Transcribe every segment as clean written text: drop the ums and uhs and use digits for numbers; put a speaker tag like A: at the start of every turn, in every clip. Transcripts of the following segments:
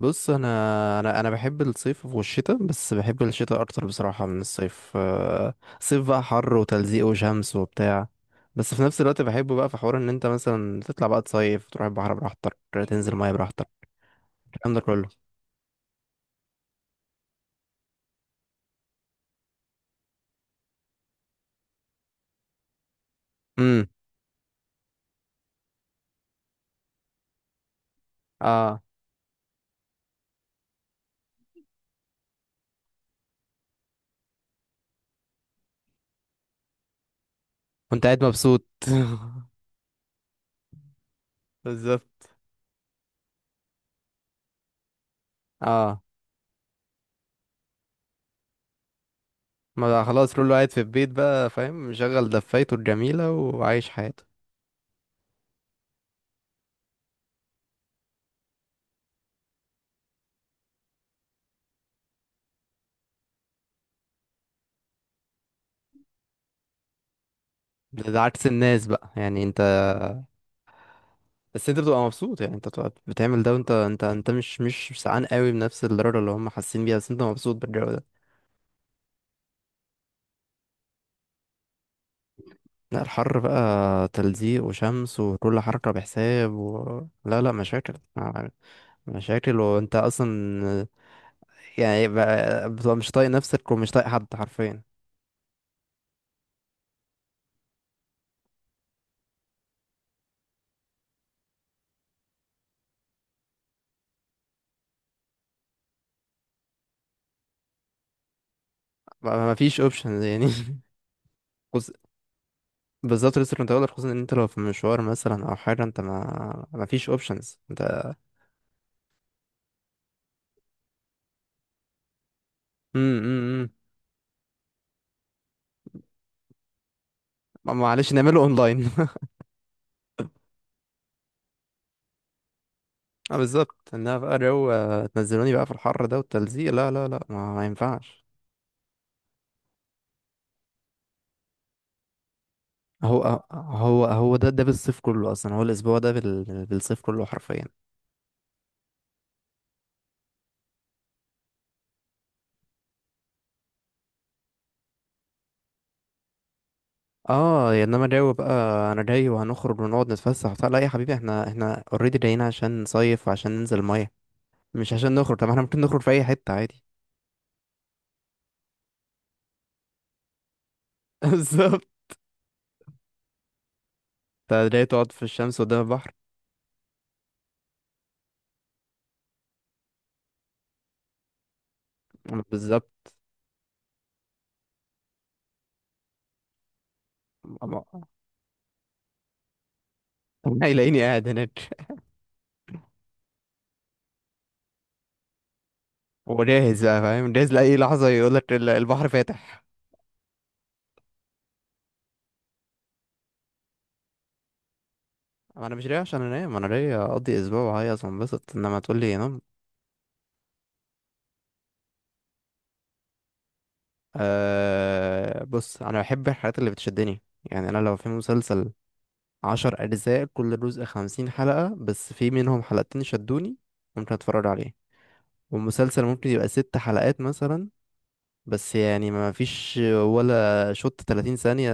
A: بص، انا بحب الصيف والشتاء، بس بحب الشتاء اكتر بصراحه من الصيف. صيف بقى حر وتلزيق وشمس وبتاع، بس في نفس الوقت بحبه بقى في حوار ان انت مثلا تطلع بقى تصيف، تروح البحر براحتك، تنزل ميه براحتك. الكلام ده كله. امم. اه، وانت قاعد مبسوط بالظبط. اه، ما ده خلاص كله قاعد في البيت بقى فاهم، مشغل دفايته الجميله وعايش حياته. ده عكس الناس بقى، يعني انت بس انت بتبقى مبسوط، يعني انت بتبقى بتعمل ده وانت انت انت مش سعان قوي بنفس الدرجة اللي هم حاسين بيها، بس انت مبسوط بالجو ده. لا، الحر بقى تلزيق وشمس وكل حركة بحساب و لا لا مشاكل، مشاكل، وانت اصلا يعني بقى بتبقى مش طايق نفسك ومش طايق حد حرفيا. ما فيش اوبشن يعني خص- بالظبط، لسه كنت هقولك، خصوصا ان انت لو في مشوار مثلا او حاجة انت، ما فيش اوبشنز انت. امم. معلش نعمله اونلاين اه بالظبط، انها بقى جو، تنزلوني بقى في الحر ده والتلزيق، لا لا لا، ما ينفعش. هو هو ده بالصيف كله، اصلا هو الاسبوع ده بال... بالصيف كله حرفيا. اه يا انما جو بقى. انا جاي وهنخرج ونقعد نتفسح وبتاع، لا يا حبيبي احنا اوريدي جايين عشان نصيف وعشان ننزل الميه، مش عشان نخرج. طب احنا ممكن نخرج في اي حته عادي. بالظبط. انت جاي تقعد في الشمس قدام البحر. بالظبط. أما- هيلاقيني قاعد هناك. وجاهز بقى فاهم، جاهز لأي لحظة يقولك البحر فاتح. ما انا مش ليا عشان انام، انا ليا اقضي اسبوع وهيص وانبسط، انما تقول لي نام. أه بص، انا بحب الحاجات اللي بتشدني. يعني انا لو في مسلسل 10 اجزاء، كل جزء 50 حلقة، بس في منهم حلقتين شدوني، ممكن اتفرج عليه. والمسلسل ممكن يبقى ست حلقات مثلا، بس يعني ما فيش ولا شوط 30 ثانية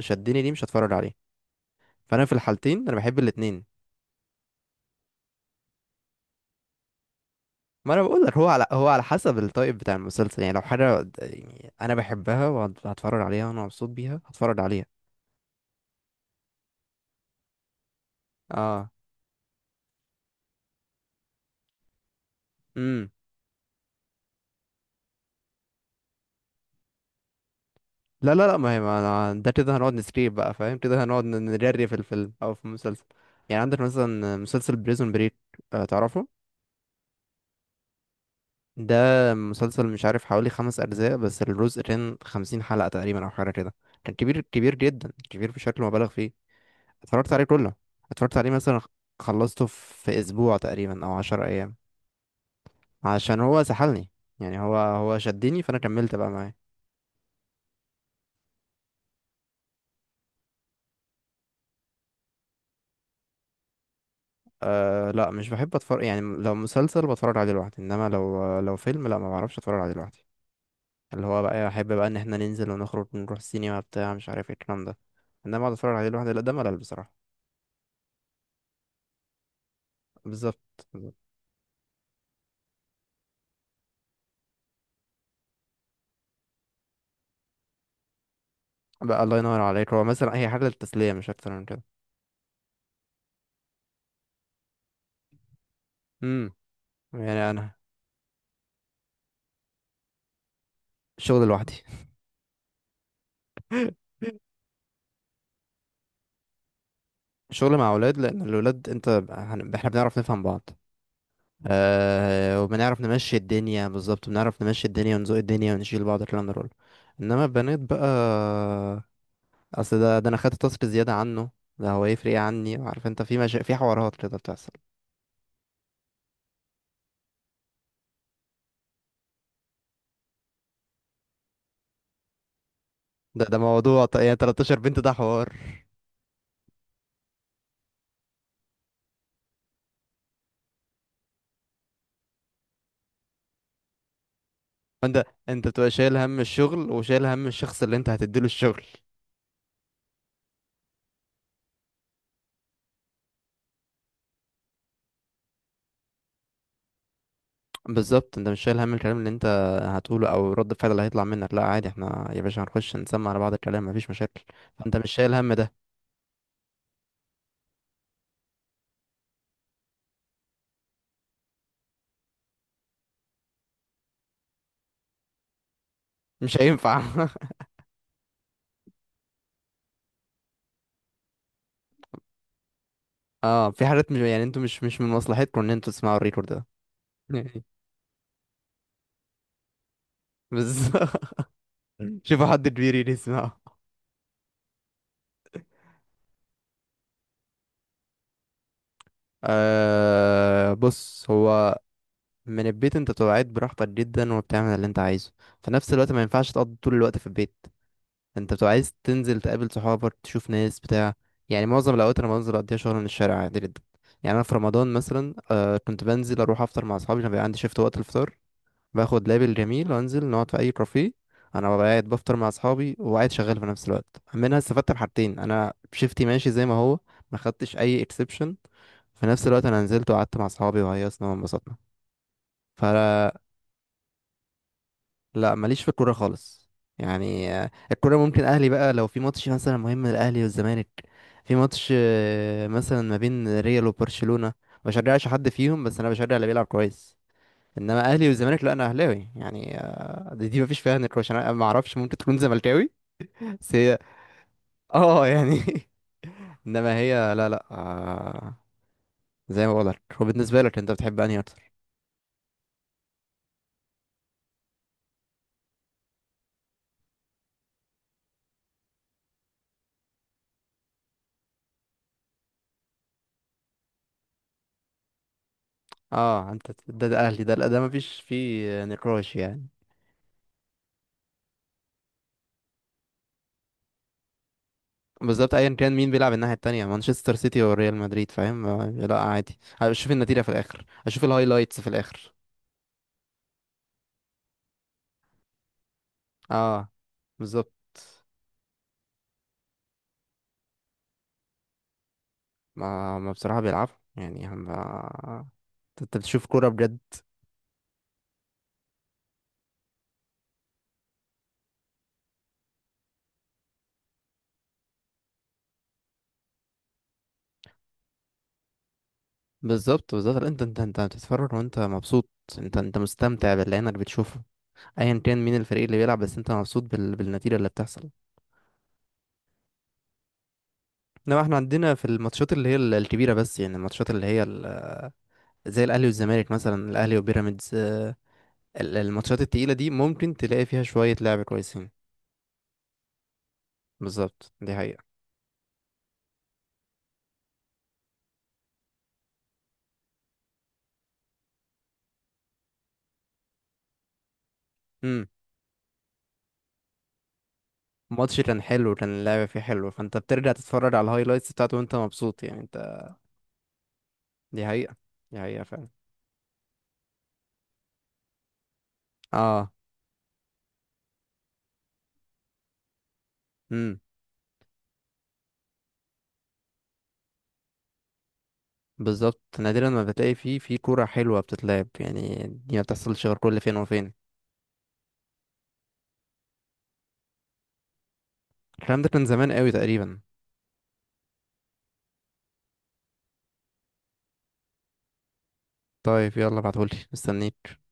A: شدني، ليه مش هتفرج عليه. فانا في الحالتين انا بحب الاتنين. ما انا بقول لك هو على حسب التايب بتاع المسلسل. يعني لو حاجه يعني انا بحبها وهتفرج عليها وانا مبسوط بيها هتفرج عليها. اه. امم. لا لا لا، ما هي، ما أنا ده كده هنقعد نسكيب بقى فاهم، كده هنقعد نجري في الفيلم او في المسلسل. يعني عندك مثلا مسلسل بريزون بريك، تعرفه؟ ده مسلسل مش عارف حوالي 5 اجزاء، بس الجزء كان 50 حلقه تقريبا او حاجه كده. كان كبير كبير جدا، كبير بشكل مبالغ فيه. اتفرجت عليه كله. اتفرجت عليه مثلا خلصته في اسبوع تقريبا او 10 ايام. عشان هو سحلني، يعني هو شدني فانا كملت بقى معاه. أه لا، مش بحب اتفرج. يعني لو مسلسل بتفرج عليه لوحدي، انما لو لو فيلم لا ما بعرفش اتفرج عليه لوحدي. اللي هو بقى احب بقى ان احنا ننزل ونخرج ونروح السينما بتاع مش عارف ايه الكلام ده. انما اقعد اتفرج عليه لوحدي لا ده ملل بصراحة. بالظبط، بالظبط. بقى الله ينور عليك، هو مثلا هي حاجة للتسلية مش اكتر من كده. امم. يعني انا. شغل لوحدي شغل مع اولاد، لان الولاد انت احنا بنعرف نفهم بعض. آه وبنعرف نمشي الدنيا، بالظبط بنعرف نمشي الدنيا ونزوق الدنيا ونشيل بعض الكلام ده كله. انما البنات بقى اصل ده انا خدت تصري زياده عنه. ده هو يفرق ايه عني، عارف انت في مشا في حوارات كده بتحصل. ده موضوع يعني 13 بنت ده حوار. انت انت بتبقى شايل هم الشغل وشايل هم الشخص اللي انت هتديله الشغل. بالظبط انت مش شايل هم الكلام اللي انت هتقوله او رد الفعل اللي هيطلع منك، لا عادي احنا يا باشا هنخش نسمع على بعض الكلام مفيش مشاكل. فانت مش شايل هم ده. مش هينفع اه، في حاجات مش يعني انتوا مش من مصلحتكم ان انتوا تسمعوا الريكورد ده يعني بس شوفوا حد كبير يجي يسمعه. آه بص هو، من البيت انت بتبقى قاعد براحتك جدا وبتعمل اللي انت عايزه. في نفس الوقت ما ينفعش تقضي طول الوقت في البيت، انت بتبقى عايز تنزل تقابل صحابك تشوف ناس بتاع. يعني معظم الاوقات انا بنزل اقضيها شغل من الشارع عادي جدا. يعني انا في رمضان مثلا كنت بنزل اروح افطر مع اصحابي لما بيبقى عندي شيفت وقت الفطار. باخد لابل جميل وانزل نقعد في اي كافيه. انا ببقى قاعد بفطر مع اصحابي وقاعد شغال في نفس الوقت. منها استفدت بحاجتين، انا شيفتي ماشي زي ما هو، ما خدتش اي اكسبشن. في نفس الوقت انا نزلت وقعدت مع اصحابي وهيصنا وانبسطنا. فلا. لا ماليش في الكوره خالص. يعني الكوره ممكن اهلي بقى لو في ماتش مثلا مهم للاهلي والزمالك. في ماتش مثلا ما بين ريال وبرشلونة ما بشجعش حد فيهم، بس انا بشجع اللي بيلعب كويس. انما اهلي والزمالك لا، انا اهلاوي يعني، دي مفيش فيها نقاش. انا ما اعرفش ممكن تكون زملكاوي بس هي اه يعني انما هي لا لا زي ما بقولك هو بالنسبه لك، انت بتحب انهي اكتر؟ اه انت ده اهلي ده لا ده مفيش فيه نقاش يعني. بالظبط ايا كان مين بيلعب الناحيه التانية، مانشستر سيتي وريال مدريد فاهم، لا عادي اشوف النتيجه في الاخر، اشوف الهايلايتس في الاخر. اه بالظبط. ما بصراحه بيلعبوا يعني هم، انت بتشوف كوره بجد. بالظبط، بالظبط، لا، انت بتتفرج وانت مبسوط. انت مستمتع باللي عينك بتشوفه، ايا كان مين الفريق اللي بيلعب، بس انت مبسوط بال... بالنتيجه اللي بتحصل. انما احنا عندنا في الماتشات اللي هي الكبيره، بس يعني الماتشات اللي هي ال... زي الاهلي والزمالك مثلا، الاهلي وبيراميدز، الماتشات التقيله دي ممكن تلاقي فيها شويه لعب كويسين. بالظبط دي حقيقه. امم. الماتش كان حلو، كان اللعب فيه حلو، فانت بترجع تتفرج على الهايلايتس بتاعته وانت مبسوط يعني انت. دي حقيقه. دي حقيقه فعلا. اه. امم. بالظبط نادرا ما بتلاقي فيه في كورة حلوة بتتلعب، يعني دي ما بتحصلش غير كل فين وفين. الكلام ده كان زمان قوي تقريبا. طيب يلا ابعتهولي مستنيك.